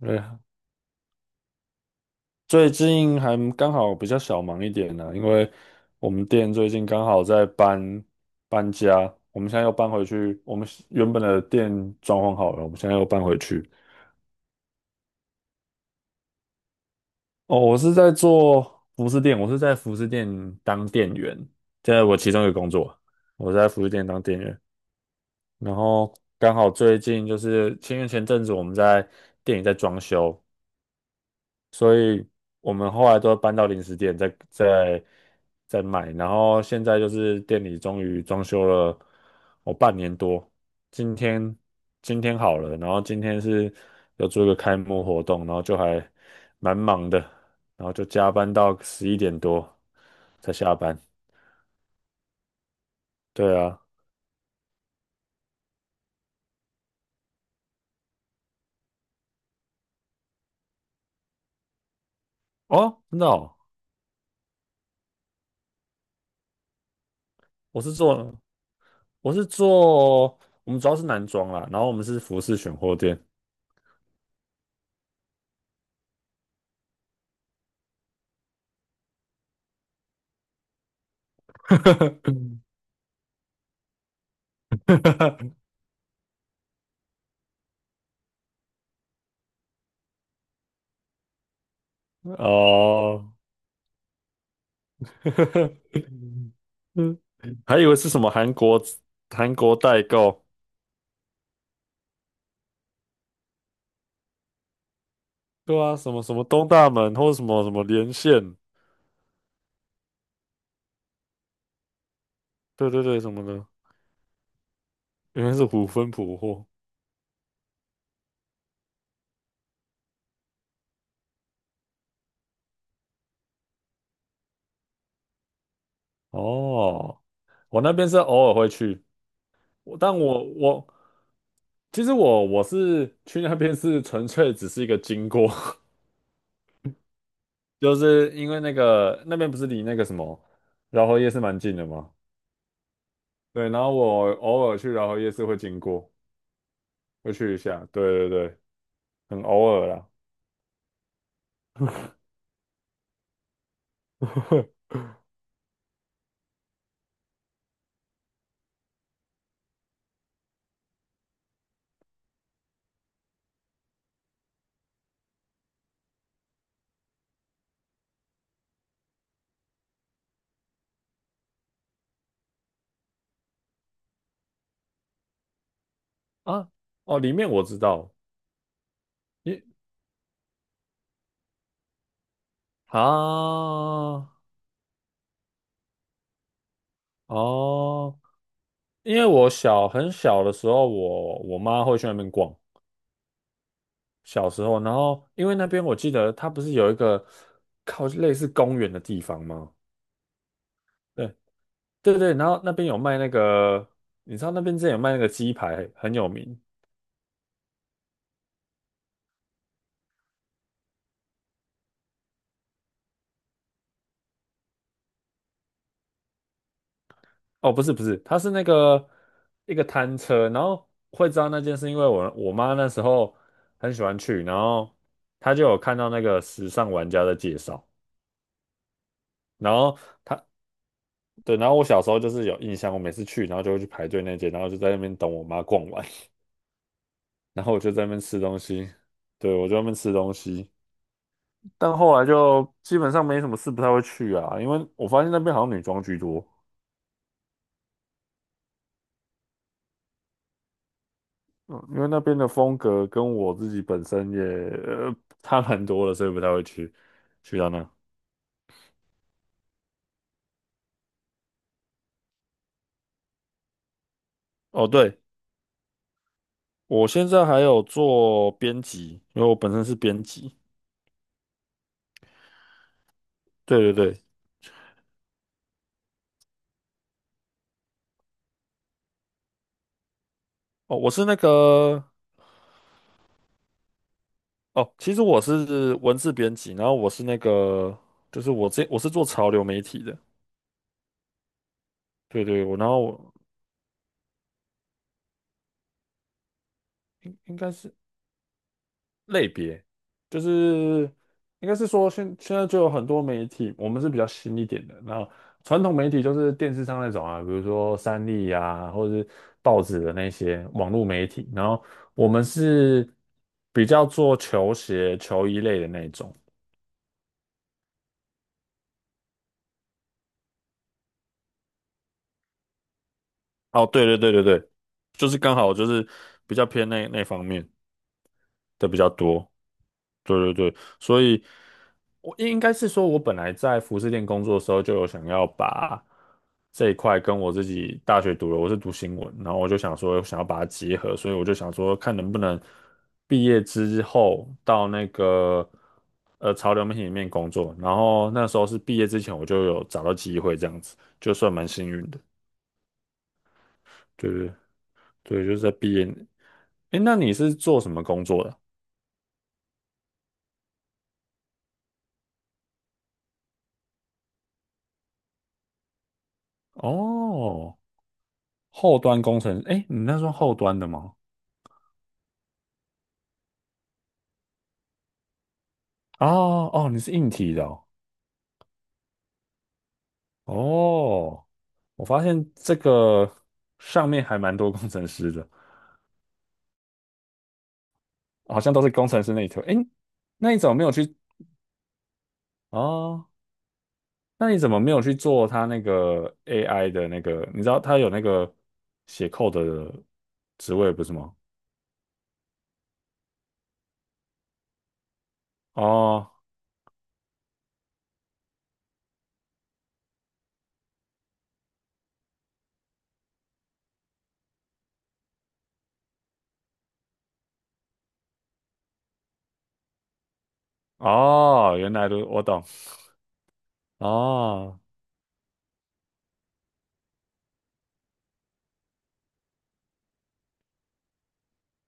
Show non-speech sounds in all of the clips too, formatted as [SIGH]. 对，最近还刚好比较小忙一点呢、因为我们店最近刚好在搬家，我们现在又搬回去，我们原本的店装潢好了，我们现在又搬回去。哦，我是在做服饰店，我是在服饰店当店员，这是我其中一个工作，我在服饰店当店员。然后刚好最近就是，因为前阵子我们在店里在装修，所以我们后来都搬到零食店在卖，然后现在就是店里终于装修了我哦半年多，今天今天好了，然后今天是要做一个开幕活动，然后就还蛮忙的，然后就加班到11点多才下班。对啊，哦，真的哦，我是做我是做。我们主要是男装啦，然后我们是服饰选货店。[LAUGHS] 哦，[LAUGHS] 呵呵，嗯，还以为是什么韩国代购，对啊，什么什么东大门或者什么什么连线，对对对，什么的，原来是虎分普货。哦，我那边是偶尔会去，但我其实我是去那边是纯粹只是一个经过，[LAUGHS] 就是因为那个那边不是离那个什么饶河夜市蛮近的吗？对，然后我偶尔去饶河夜市会经过，会去一下，对对对，很偶尔啦。啊，哦，里面我知道，你啊，哦，因为我小很小的时候，我妈会去那边逛，小时候，然后因为那边我记得它不是有一个靠类似公园的地方吗？对对对，然后那边有卖那个，你知道那边之前有卖那个鸡排，很有名，哦，不是不是，它是那个一个摊车，然后会知道那件事，因为我妈那时候很喜欢去，然后她就有看到那个时尚玩家的介绍，然后对，然后我小时候就是有印象，我每次去，然后就会去排队那间，然后就在那边等我妈逛完，[LAUGHS] 然后我就在那边吃东西，对，我就在那边吃东西，但后来就基本上没什么事，不太会去啊，因为我发现那边好像女装居多，嗯，因为那边的风格跟我自己本身也差蛮多的，所以不太会去到那。哦，对，我现在还有做编辑，因为我本身是编辑。对对对，哦，我是那个哦，其实我是文字编辑，然后我是那个就是我是做潮流媒体的。对对，然后我应该是。类别，就是应该是说现在就有很多媒体，我们是比较新一点的。然后传统媒体就是电视上那种啊，比如说三立啊，或者是报纸的那些网络媒体。然后我们是比较做球鞋、球衣类的那种。哦，对对对对对，就是刚好就是比较偏那方面的比较多。对对对，所以我应该是说，我本来在服饰店工作的时候，就有想要把这一块跟我自己大学读的，我是读新闻，然后我就想说，想要把它结合，所以我就想说，看能不能毕业之后到那个潮流媒体里面工作。然后那时候是毕业之前，我就有找到机会，这样子就算蛮幸运的。对对对，就是在毕业。诶，那你是做什么工作的？哦。后端工程，哎，你那算后端的吗？哦哦，你是硬体的哦。哦，我发现这个上面还蛮多工程师的，好像都是工程师那一头。哎，那你怎么没有去？哦，那你怎么没有去做他那个 AI 的那个？你知道他有那个写 code 的职位不是吗？哦哦，原来都我懂。哦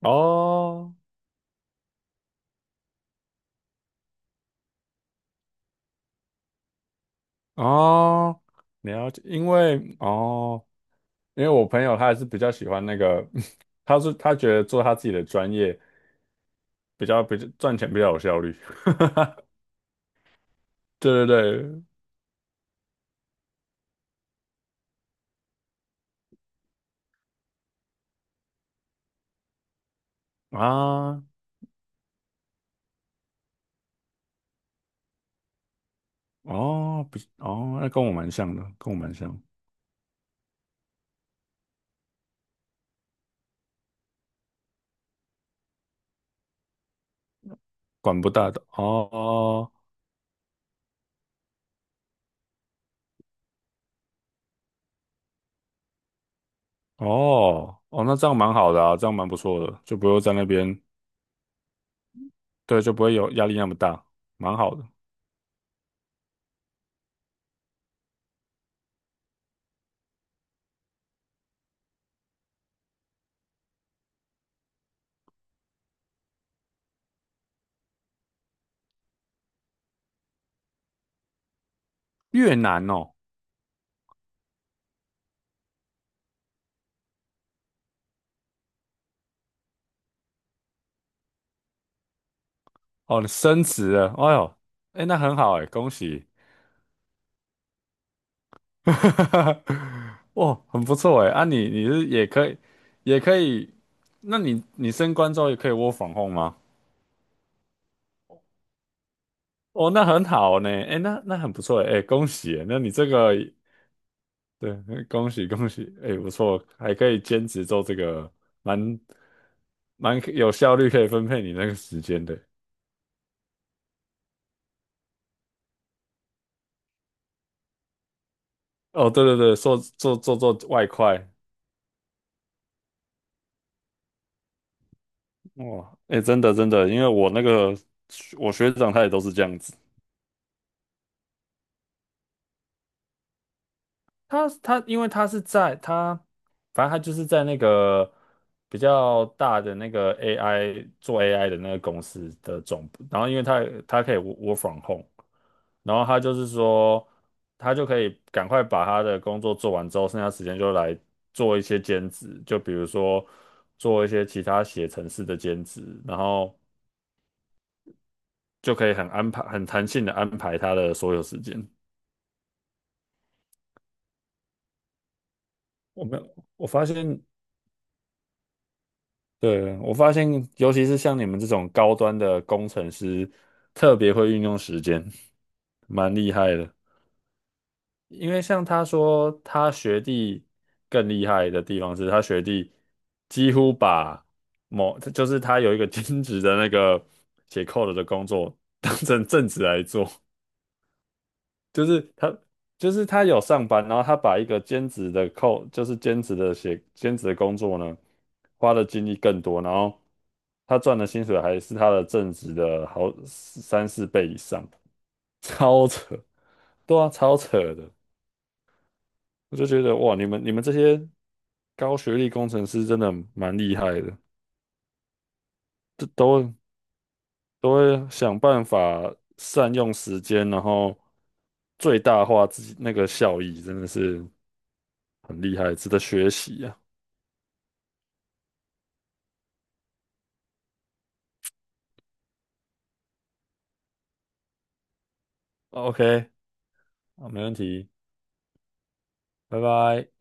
哦哦，了解，因为我朋友他还是比较喜欢那个，[LAUGHS] 他觉得做他自己的专业比较赚钱比较有效率。[LAUGHS] 对对对，啊，哦，那跟我蛮像的，跟我蛮像，管不大的，哦哦哦哦，那这样蛮好的啊，这样蛮不错的，就不用在那边，对，就不会有压力那么大，蛮好的。越南哦，哦，你升职了，哎呦，哎，那很好哎，恭喜。[LAUGHS] 哈哈哈，哇，很不错哎！你是也可以，也可以，那你升官之后也可以窝 o r 吗？哦，那很好呢，哎，那那很不错哎，哎恭喜诶那你这个对，恭喜恭喜，哎，不错，还可以兼职做这个，蛮蛮有效率，可以分配你那个时间的。哦，对对对，做外快，哇，哎，真的真的，因为我那个学长他也都是这样子。因为他是在他，反正他就是在那个比较大的那个 AI 做 AI 的那个公司的总部，然后因为他可以 work from home，然后他就是说他就可以赶快把他的工作做完之后，剩下时间就来做一些兼职，就比如说做一些其他写程式的兼职，然后就可以很安排很弹性的安排他的所有时间。我没有，我发现。对，我发现，尤其是像你们这种高端的工程师，特别会运用时间，蛮厉害的。因为像他说，他学弟更厉害的地方是他学弟几乎把某，就是他有一个 [LAUGHS] 兼职的那个写 code 的工作当成正职来做。就是他，就是他有上班，然后他把一个兼职的扣，就是兼职的写兼职的工作呢，花的精力更多，然后他赚的薪水还是他的正职的好三四倍以上，超扯，对啊，超扯的，我就觉得哇，你们这些高学历工程师真的蛮厉害的，都都都会想办法善用时间，然后最大化自己那个效益，真的是。很厉害，值得学习啊。OK，啊，没问题，拜拜。